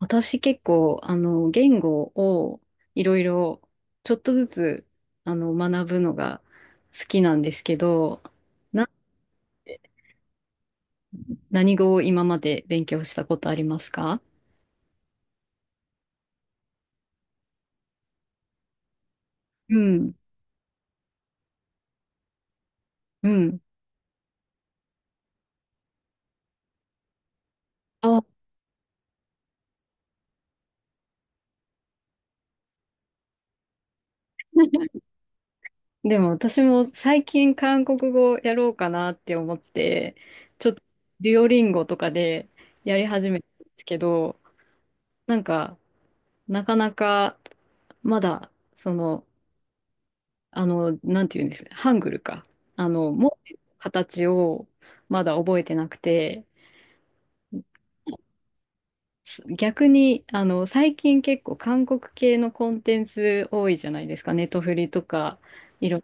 私結構、言語をいろいろちょっとずつ、学ぶのが好きなんですけど、な、何語を今まで勉強したことありますか？うん、うん。あ、でも私も最近韓国語やろうかなって思って、ちょっとデュオリンゴとかでやり始めたんですけど、なんか、なかなかまだ、その、なんていうんです、ハングルか。文字の形をまだ覚えてなくて、逆に、最近結構韓国系のコンテンツ多いじゃないですか。ネトフリとか、いろ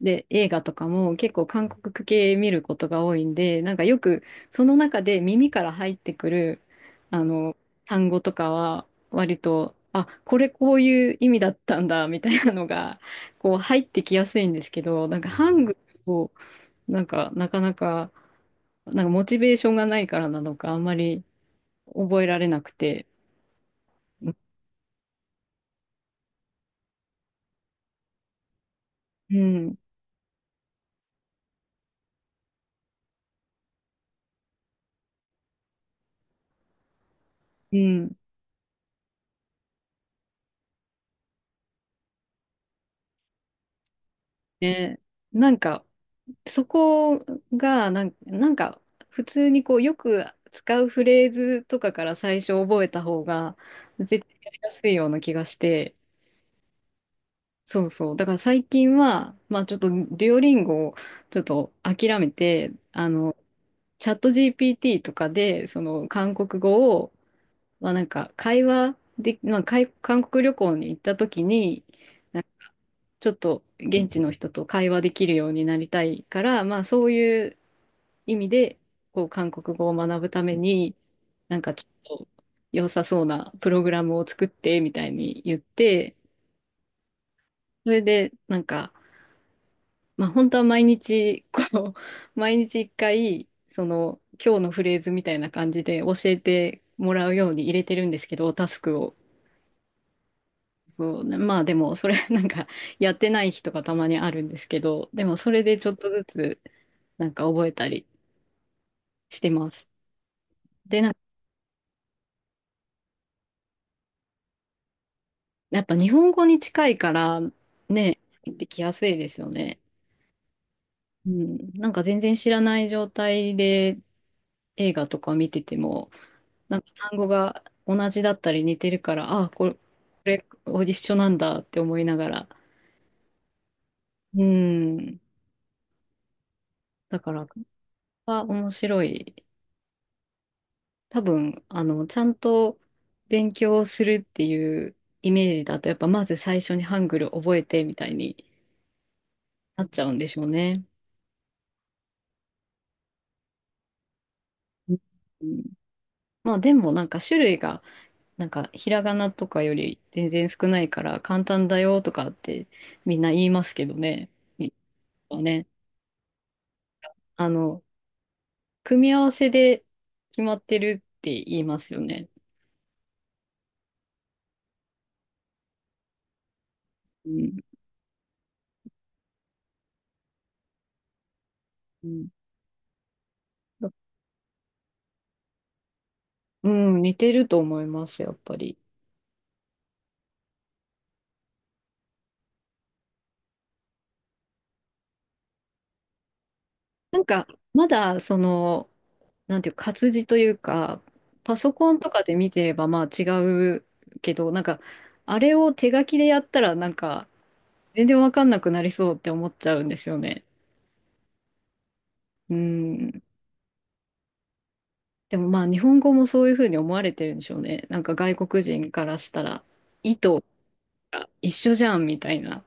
で、映画とかも結構韓国系見ることが多いんで、なんかよくその中で耳から入ってくる、あの、単語とかは割と、あ、これこういう意味だったんだ、みたいなのが、こう入ってきやすいんですけど、なんかハングルを、なんかなかなか、なんかモチベーションがないからなのか、あんまり覚えられなくて。うんうん。ね。なんか、そこが、なんか、普通にこう、よく使うフレーズとかから最初覚えた方が、絶対やりやすいような気がして。そうそう。だから最近は、まあちょっと、デュオリンゴをちょっと諦めて、チャット GPT とかで、その、韓国語を、まあなんか、会話で、まあ、韓国旅行に行った時に、ちょっと現地の人と会話できるようになりたいから、まあそういう意味で、こう韓国語を学ぶために、なんかちょっと良さそうなプログラムを作ってみたいに言って、それでなんか、まあ本当は毎日、こう、毎日一回、その今日のフレーズみたいな感じで教えてもらうように入れてるんですけど、タスクを。そうね。まあでも、それ なんかやってない日とかたまにあるんですけど、でもそれでちょっとずつなんか覚えたりしてます。で、なんかやっぱ日本語に近いからね、入ってきやすいですよね。うん。なんか全然知らない状態で映画とか見てても、なんか単語が同じだったり似てるから、ああ、れ、これ一緒なんだって思いながら。うん。だから、面白い。多分、ちゃんと勉強するっていうイメージだと、やっぱまず最初にハングル覚えてみたいになっちゃうんでしょうね。うん。まあでもなんか種類が、なんかひらがなとかより全然少ないから簡単だよとかってみんな言いますけどね。いね。あの、組み合わせで決まってるって言いますよね。うん。うん、うん似てると思います、やっぱり。なんか、まだ、その、なんていうか、活字というか、パソコンとかで見てれば、まあ違うけど、なんか、あれを手書きでやったら、なんか、全然わかんなくなりそうって思っちゃうんですよね。うん。でもまあ、日本語もそういうふうに思われてるんでしょうね。なんか、外国人からしたら、意図が一緒じゃん、みたいな、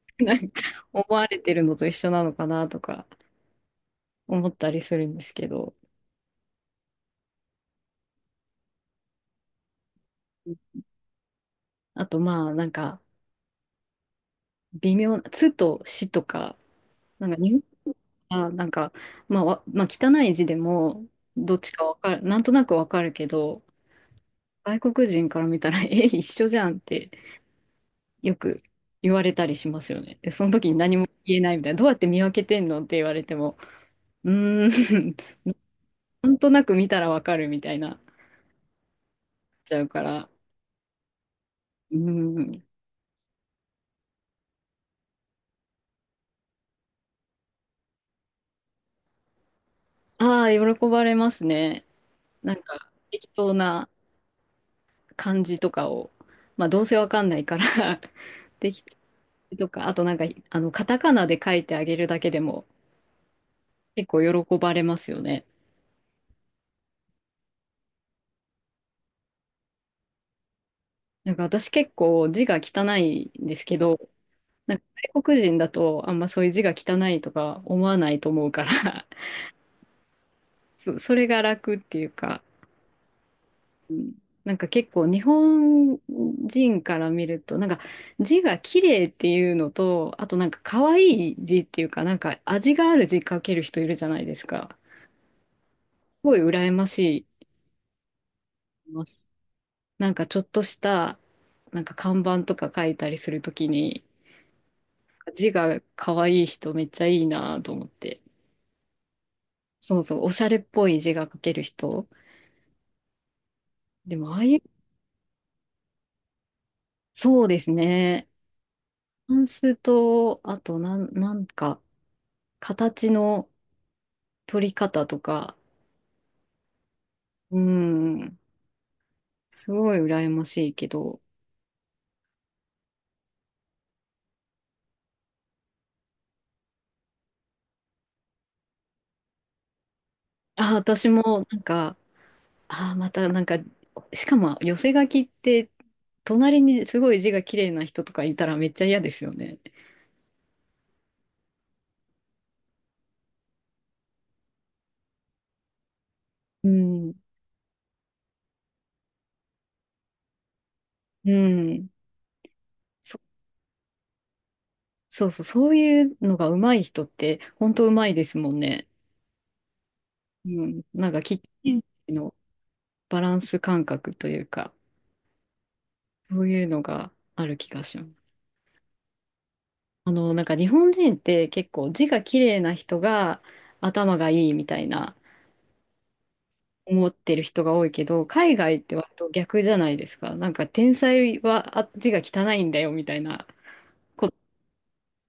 なんか思われてるのと一緒なのかな、とか、思ったりするんですけど。あと、まあ、なんか、微妙な、つとしとか、なんか日本はなんか、まあ、まあ、汚い字でもどっちかわかる、なんとなくわかるけど、外国人から見たら、え、一緒じゃんってよく言われたりしますよね。で、その時に何も言えないみたいな、どうやって見分けてんのって言われても、うーん、なんとなく見たらわかるみたいな、ちゃうから、うーん、ああ、喜ばれますね。なんか適当な感じとかを、まあ、どうせわかんないから 適とか、あとなんか、カタカナで書いてあげるだけでも結構喜ばれますよね。なんか私結構字が汚いんですけど、なんか外国人だとあんまそういう字が汚いとか思わないと思うから それが楽っていうか、うん。なんか結構日本人から見ると、なんか字が綺麗っていうのと、あとなんか可愛い字っていうか、なんか味がある字書ける人いるじゃないですか。すごい羨ましい。なんかちょっとした、なんか看板とか書いたりするときに、字が可愛い人めっちゃいいなと思って。そうそう、おしゃれっぽい字が書ける人。でも、ああいう、そうですね。タンスと、あと、なんか、形の取り方とか、うん、すごい羨ましいけど、あ、私も、なんか、あ、また、なんか、しかも、寄せ書きって、隣にすごい字が綺麗な人とかいたらめっちゃ嫌ですよね。うん、うん。そ、そうそう、そういうのが上手い人って、本当上手いですもんね。うん。なんか、キッチンのバランス感覚というか、そういうのがある気がします。なんか日本人って結構字が綺麗な人が頭がいいみたいな思ってる人が多いけど、海外って割と逆じゃないですか。なんか天才は字が汚いんだよみたいな。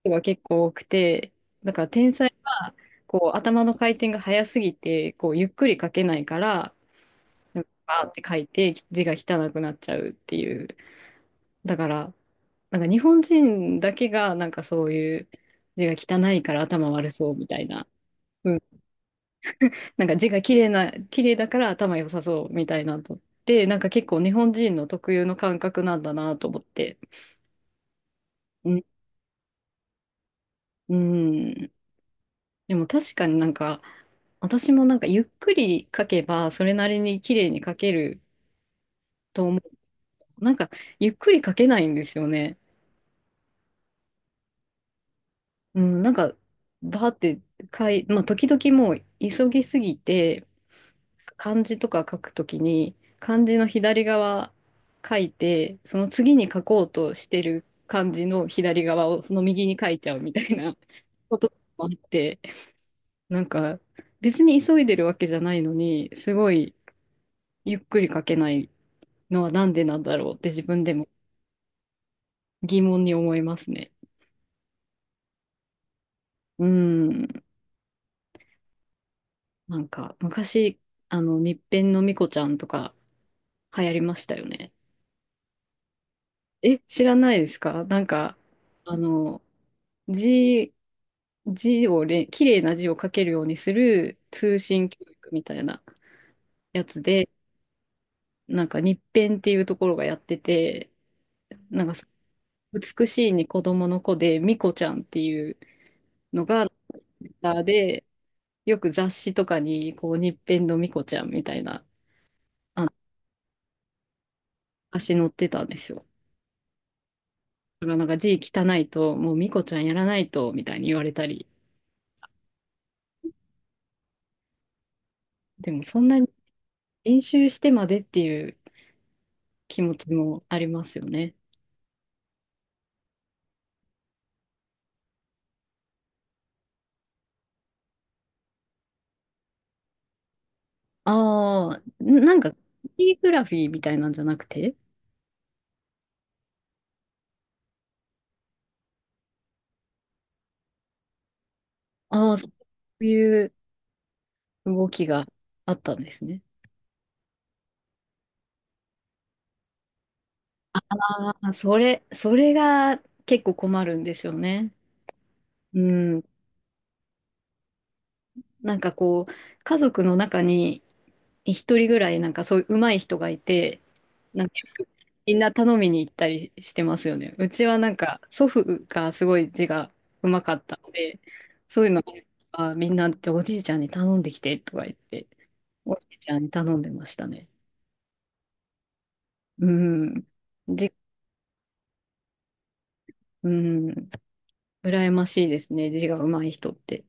人が結構多くて、だから天才はこう頭の回転が速すぎてこうゆっくり書けないから、なんかバーって書いて字が汚くなっちゃうっていう。だからなんか日本人だけがなんかそういう字が汚いから頭悪そうみたいな。うん、なんか字が綺麗だから頭良さそうみたいなとって、なんか結構日本人の特有の感覚なんだなと思って。うん。うんでも確かになんか、私もなんかゆっくり書けば、それなりに綺麗に書けると思う。なんか、ゆっくり書けないんですよね。うん、なんか、バーってまあ、時々もう急ぎすぎて、漢字とか書くときに、漢字の左側書いて、その次に書こうとしてる漢字の左側をその右に書いちゃうみたいな こともあって、なんか、別に急いでるわけじゃないのに、すごいゆっくり書けないのはなんでなんだろうって自分でも疑問に思いますね。うん。なんか、昔、日編のみこちゃんとか流行りましたよね。え、知らないですかなんか、あの、字、字を綺麗な字を書けるようにする通信教育みたいなやつで、なんか日編っていうところがやってて、なんか、美しいに子供の子で、みこちゃんっていうのが、ツイッターで、よく雑誌とかに、こう、日編のミコちゃんみたいな足載ってたんですよ。だからなんか字汚いと、もうミコちゃんやらないと、みたいに言われたり。でもそんなに練習してまでっていう気持ちもありますよね。ああ、なんか、キーグラフィーみたいなんじゃなくて、ああ、そういう動きがあったんですね。ああ、それが結構困るんですよね。うん。なんかこう、家族の中に一人ぐらいなんかそういう上手い人がいて、なんかみんな頼みに行ったりしてますよね。うちはなんか祖父がすごい字が上手かったので、そういうのはみんなおじいちゃんに頼んできてとか言って、おじいちゃんに頼んでましたね。うん。じ、うん。羨ましいですね。字が上手い人って。